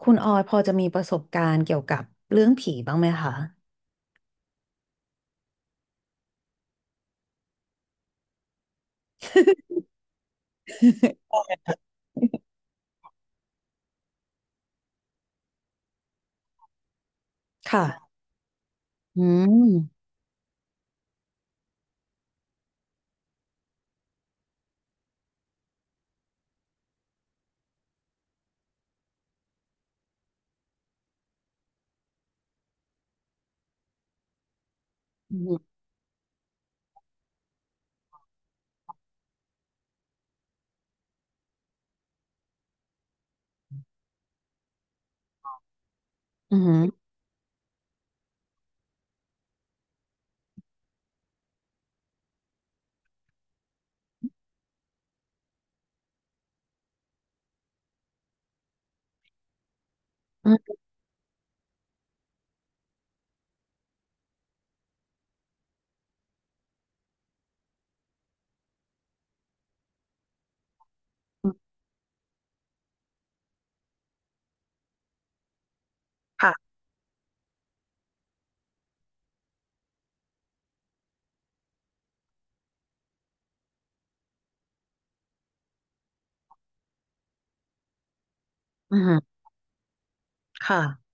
คุณออยพอจะมีประสบการณ์เกี่ยวกับเรื่องผีบ้างไหมคะ ค่ะอืมอืมอืมอืมค่ะอืมค่ะ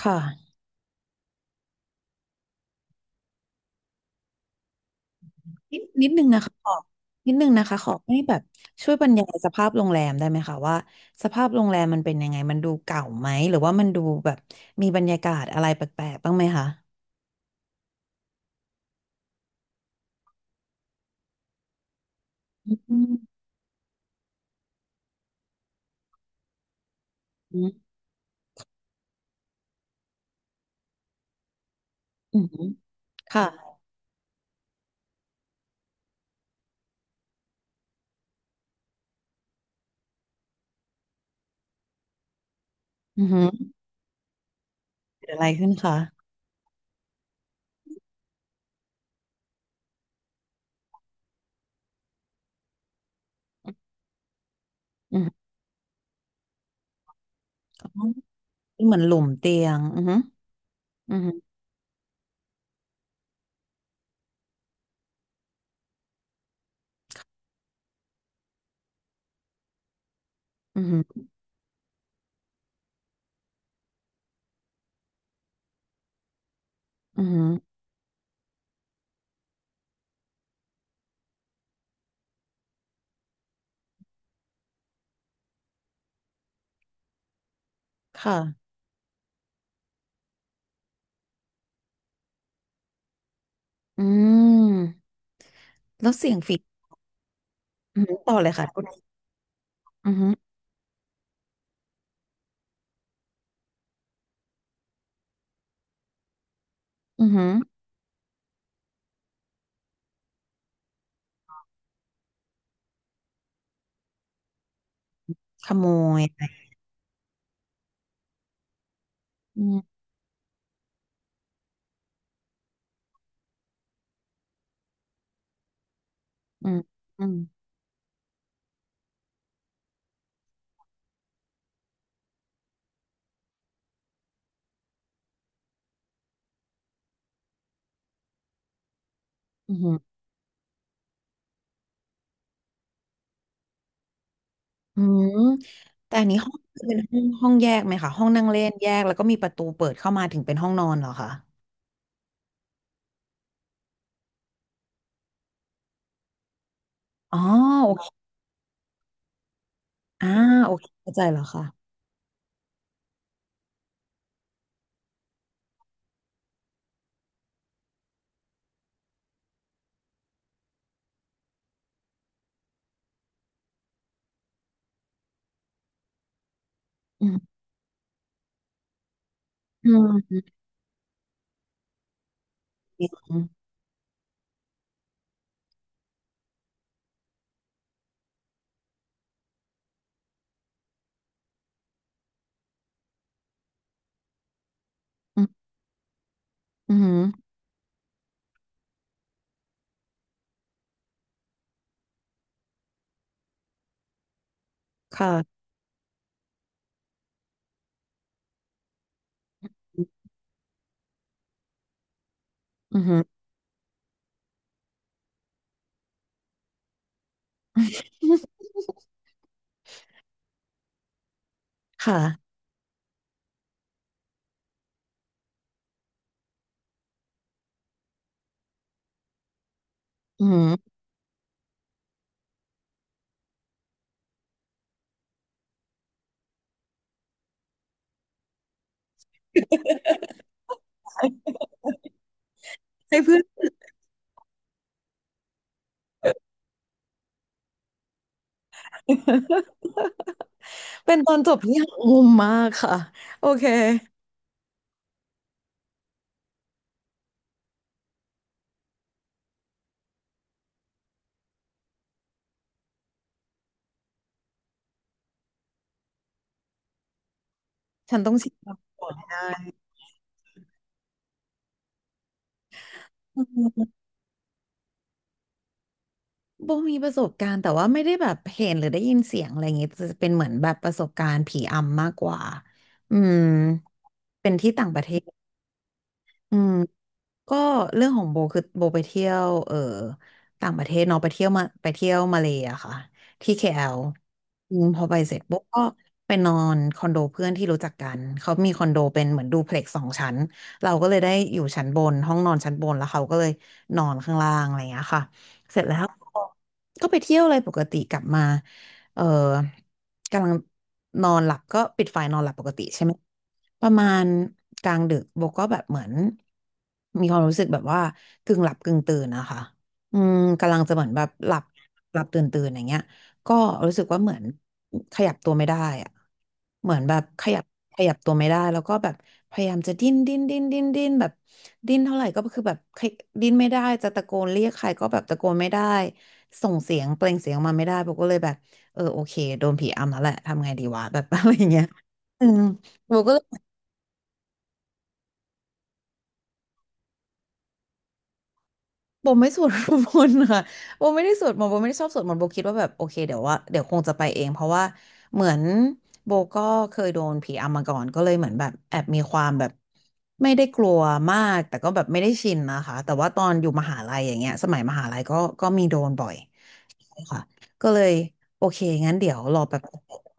ค่ะนิดนึงนะคะขอนิดนึงนะคะขอให้แบบช่วยบรรยายสภาพโรงแรมได้ไหมคะว่าสภาพโรงแรมมันเป็นยังไงมันดูเก่าไหมหรือว่ามันดูแบบมีบรรยากาศอะไรแปลกๆ บ้างไหมคะอืมอืมอืมค่ะอืมเกิดอะไรขึ้นคะอืมอ๋อเหมือนหลุมเตียง อืมอืมอืมอืม ค่ะ อืมแล้วเสียงฝีอือหือต่อเลยค่ะคุณอือหืออือหือขโมยไปอืมอืมอืมอือหอืมแต่อันนี้ห้องคือเป็นห้องแยกไหมคะห้องนั่งเล่นแยกแล้วก็มีประตูเปิดเข้ามาถึงเป็นห้องนอนเหรอคะอ๋อโอเคอ่าโอเคเข้าใจแล้วค่ะอืมอืมอืมอืมอืมอืมค่ะอือห ค่ะอือหอให้เพื่อน เป็นตอนจบที่หักมุมมากค่ะโอเค ฉันต้องชิมก่อนให้ได้อืมโบมีประสบการณ์แต่ว่าไม่ได้แบบเห็นหรือได้ยินเสียงอะไรอย่างเงี้ยจะเป็นเหมือนแบบประสบการณ์ผีอำมากกว่าอืมเป็นที่ต่างประเทศอืม ก็เรื่องของโบคือโบไปเที่ยวต่างประเทศเนาะไปเที่ยวมาไปเที่ยวมาเลยอะค่ะที่ KL อลอืมพอไปเสร็จปุ๊บก็ไปนอนคอนโดเพื่อนที่รู้จักกันเขามีคอนโดเป็นเหมือนดูเพล็กซ์สองชั้นเราก็เลยได้อยู่ชั้นบนห้องนอนชั้นบนแล้วเขาก็เลยนอนข้างล่างอะไรอย่างเงี้ยค่ะเสร็จแล้วก็ก็ไปเที่ยวอะไรปกติกลับมาเออ กำลังนอนหลับก็ปิดไฟนอนหลับปกติใช่ไหมประมาณกลางดึกโบก็แบบเหมือนมีความรู้สึกแบบว่ากึ่งหลับกึ่งตื่นนะคะอืมกำลังจะเหมือนแบบหลับหลับตื่นตื่นอย่างเงี้ยก็รู้สึกว่าเหมือนขยับตัวไม่ได้อะเหมือนแบบขยับขยับตัวไม่ได้แล้วก็แบบพยายามจะดิ้นดิ้นดิ้นดิ้นดิ้นแบบดิ้นเท่าไหร่ก็คือแบบขยดิ้นไม่ได้จะตะโกนเรียกใครก็แบบตะโกนไม่ได้ส่งเสียงเปล่งเสียงออกมาไม่ได้โบก็เลยแบบ โอเคโดนผีอำแล้วแหละทำไงดีวะแบบ อะไรอย่างเงี้ยอืมโบก็เลยโบไม่สวดมนต์ค่ะ โบไม่ได้สวดมนต์โบไม่ได้ชอบสวดมนต์โบคิดว่าแบบโอเคเดี๋ยวว่าเดี๋ยวคงจะไปเองเพราะว่าเหมือนโบก็เคยโดนผีอำมาก่อนก็เลยเหมือนแบบแอบมีความแบบไม่ได้กลัวมากแต่ก็แบบไม่ได้ชินนะคะแต่ว่าตอนอยู่มหาลัยอย่างเงี้ยสมัยมหาลัยก็มีโดนบ่อย ค่ะก็เลยโอเคงั้นเดี๋ยวรอแบบ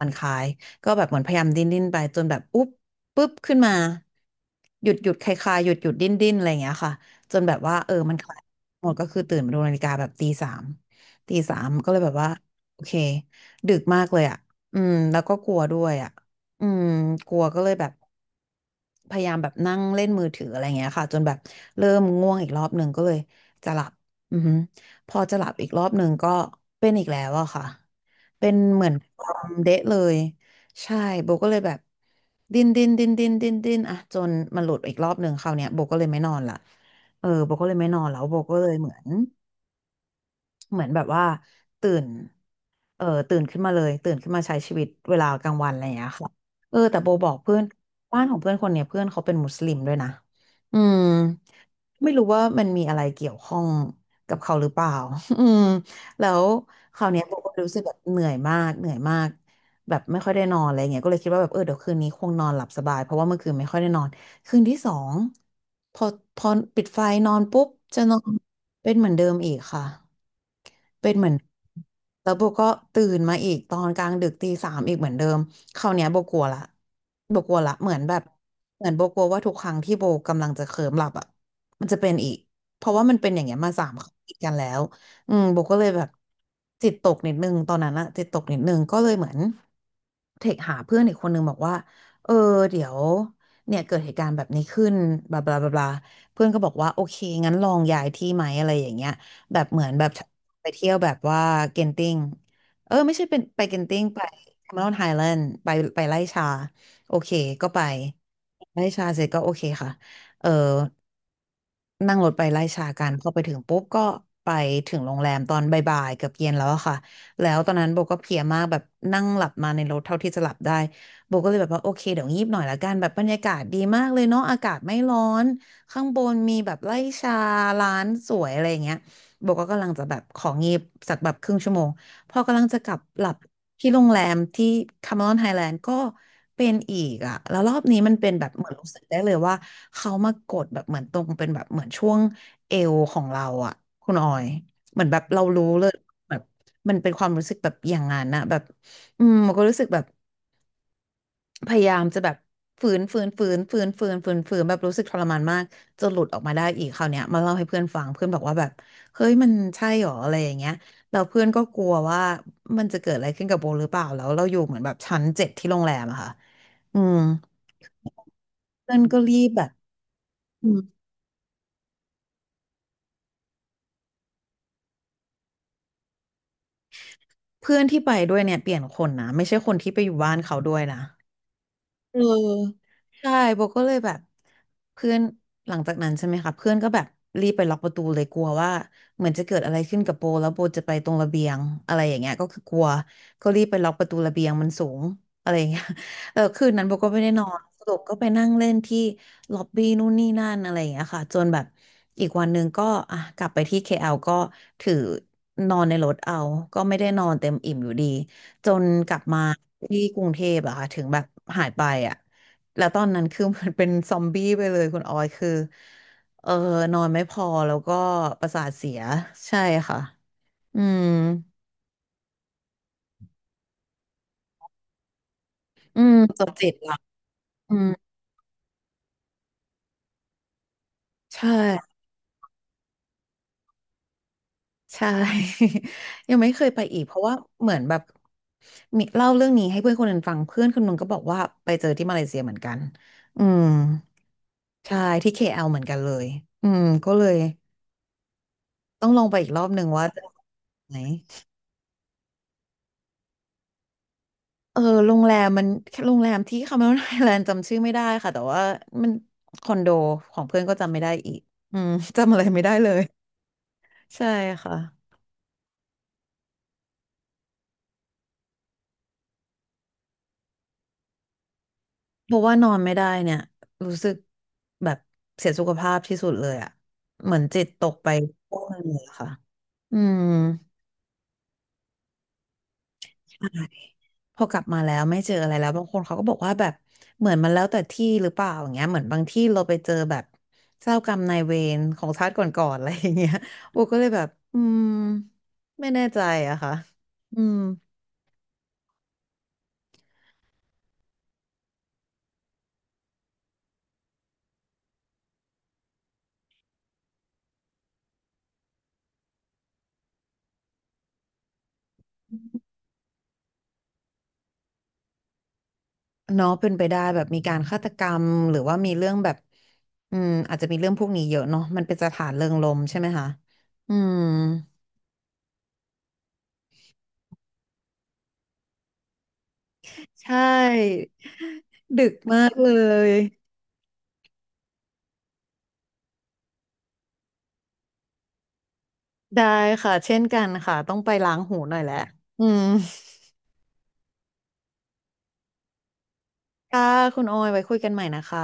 มันคลายก็แบบเหมือนพยายามดิ้นดิ้นไปจนแบบอุ๊บปุ๊บขึ้นมาหยุดหยุดคลายคลายหยุดหยุดดิ้นดิ้นอะไรอย่างเงี้ยค่ะจนแบบว่ามันคลายหมดก็คือตื่นมาดูนาฬิกาแบบตีสามตีสามก็เลยแบบว่าโอเคดึกมากเลยอ่ะอืมแล้วก็กลัวด้วยอ่ะอืมกลัวก็เลยแบบพยายามแบบนั่งเล่นมือถืออะไรเงี้ยค่ะจนแบบเริ่มง่วงอีกรอบหนึ่งก็เลยจะหลับอือฮึ พอจะหลับอีกรอบหนึ่งก็เป็นอีกแล้วอะค่ะ เป็นเหมือนความเดะเลย ใช่โบก็เลยแบบดิ้นดิ้นดิ้นดิ้นดิ้นดิ้นอะจนมันหลุดอีกรอบหนึ่งคราวเนี้ยโบก็เลยไม่นอนละโบก็เลยไม่นอนแล้วโบก็เลยเหมือนแบบว่าตื่นตื่นขึ้นมาเลยตื่นขึ้นมาใช้ชีวิตเวลากลางวันอะไรอย่างเงี้ยค่ะอแต่โบบอกเพื่อนบ้านของเพื่อนคนเนี้ยเพื่อนเขาเป็นมุสลิมด้วยนะอืม ไม่รู้ว่ามันมีอะไรเกี่ยวข้องกับเขาหรือเปล่า อืมแล้วคราวเนี้ยโบก็รู้สึกแบบเหนื่อยมากเหนื่อยมากแบบไม่ค่อยได้นอนอะไรเงี้ยก็เลยคิดว่าแบบเดี๋ยวคืนนี้คงนอนหลับสบายเพราะว่าเมื่อคืนไม่ค่อยได้นอนคืนที่สองพอพอปิดไฟนอนปุ๊บจะนอนเป็นเหมือนเดิมอีกค่ะ เป็นเหมือนแล้วโบก็ตื่นมาอีกตอนกลางดึกตีสามอีกเหมือนเดิมคราวเนี้ยโบกลัวละโบกลัวละเหมือนแบบเหมือนโบกลัวว่าทุกครั้งที่โบกำลังจะเคลิ้มหลับอ่ะมันจะเป็นอีกเพราะว่ามันเป็นอย่างเงี้ยมาสามครั้งติดกันแล้วอืมโบก็เลยแบบจิตตกนิดนึงตอนนั้นอะจิตตกนิดนึงก็เลยเหมือนเทคหาเพื่อนอีกคนนึงบอกว่าเออเดี๋ยวเนี่ยเกิดเหตุการณ์แบบนี้ขึ้นบลาบลาบลาบลาเพื่อนก็บอกว่าโอเคงั้นลองย้ายที่ไหมอะไรอย่างเงี้ย แบบเหมือนแบบไปเที่ยวแบบว่าเกนติ้งไม่ใช่เป็นไปเกนติ้งไปแคม e รอนไฮแลนด์ไปไปไล่ชาโอเคก็ไปไล่ชาเสร็จก็โอเคค่ะเออ นั่งรถไปไล่ชากันพอไปถึงปุ๊บก็ไปถึงโรงแรมตอนบ่ายๆเกือบเย็นแล้วอะค่ะแล้วตอนนั้นโบก็เพลียมากแบบนั่งหลับมาในรถเท่าที่จะหลับได้โบก็เลยแบบว่าโอเคเดี๋ยวงีบหน่อยละกันแบบบรรยากาศดีมากเลยเนาะอากาศไม่ร้อนข้างบนมีแบบไล่ชาร้านสวยอะไรอย่างเงี้ยโบก็กำลังจะแบบของีบสักแบบครึ่งชั่วโมงพอกำลังจะกลับหลับ ที่โรงแรมที่คาเมรอนไฮแลนด์ก็เป็นอีกอะแล้วรอบนี้มันเป็นแบบเหมือนรู้สึกได้เลยว่าเขามากดแบบเหมือนตรงเป็นแบบเหมือนช่วงเอวของเราอะคุณออยเหมือนแบบเรารู้เลยแบบมันเป็นความรู้สึกแบบอย่างนั้นนะแบบอืมมันก็รู้สึกแบบ พยายามจะแบบฝืนแบบรู้สึกทรมานมากจนหลุดออกมาได้อีกคราวเนี้ยมาเล่าให้เพื่อนฟังเพื่อนบอกว่าแบบเฮ้ยมันใช่หรออะไรอย่างเงี้ยแล้วเพื่อนก็กลัวว่ามันจะเกิดอะไรขึ้นกับโบหรือเปล่าแล้วเราอยู่เหมือนแบบชั้นเจ็ดที่โรงแรมอะค่ะอืมเพื่อนก็รีบแบบอืมเพื่อนที่ไปด้วยเนี่ยเปลี่ยนคนนะไม่ใช่คนที่ไปอยู่บ้านเขาด้วยนะ เออใช่โบก็เลยแบบเพื่อนหลังจากนั้นใช่ไหมคะเพื่อนก็แบบรีบไปล็อกประตูเลยกลัวว่าเหมือนจะเกิดอะไรขึ้นกับโบแล้วโบจะไปตรงระเบียงอะไรอย่างเงี้ยก็คือกลัวก็รีบไปล็อกประตูระเบียงมันสูงอะไรอย่างเงี้ย คืนนั้นโบก็ไม่ได้นอนสรุปก็ไปนั่งเล่นที่ล็อบบี้นู่นนี่นั่นอะไรอย่างเงี้ยค่ะจนแบบอีกวันหนึ่งก็อ่ะกลับไปที่ KL ก็ถือนอนในรถเอาก็ไม่ได้นอนเต็มอิ่มอยู่ดี จนกลับมาที่กรุงเทพอะค่ะถึงแบบหายไปอะแล้วตอนนั้นคือเหมันเป็นซอมบี้ไปเลยคุณออยคือเออนอนไม่พอแล้วก็ประสาทเสียใช่ค่ะอืมอืมจบจิตละอืมใช่ใช่ ยังไม่เคยไปอีกเพราะว่าเหมือนแบบมีเล่าเรื่องนี้ให้เพื่อนคนหนึ่งฟังเพื่อนคนหนึงก็บอกว่าไปเจอที่มาเลเซียเหมือนกันอืมใช่ที่ KL เหมือนกันเลยอืมก็เลย ต้องลองไปอีกรอบหนึ่งว่าจะไหนเออโรงแรมมัน โรงแรมที่คาเมรนไอแลนด์จำชื่อไม่ได้ค่ะแต่ว่ามัน คอนโดของเพื่อนก็จำไม่ได้อีกอืมจำอะไรไม่ได้เลยใช่ค่ะเพราะว่านอนไม่ได้เนี่ยรู้สึกแบบเสียสุขภาพที่สุดเลยอ่ะเหมือนจิตตกไปพวกนึงเลยอะค่ะอืม พอกลับมาแล้วไม่เจออะไรแล้วบางคนเขาก็บอกว่าแบบเหมือนมันแล้วแต่ที่หรือเปล่าอย่างเงี้ยเหมือนบางที่เราไปเจอแบบเจ้ากรรมนายเวรของชาติก่อนๆอะไรอย่างเงี้ยโบก็เลยแบบอืมไม่แน่ใจอะค่ะอืมเนาะเป็นไปได้แบบมีการฆาตกรรมหรือว่ามีเรื่องแบบอืมอาจจะมีเรื่องพวกนี้เยอะเนาะมันเป็นสถานเริงรมย์ใช่ไหมคะอืมใช่ดึกมากเลยได้ค่ะเช่นกันค่ะต้องไปล้างหูหน่อยแหละอืม ค่ะคุณโออยไว้คุยกันใหม่นะคะ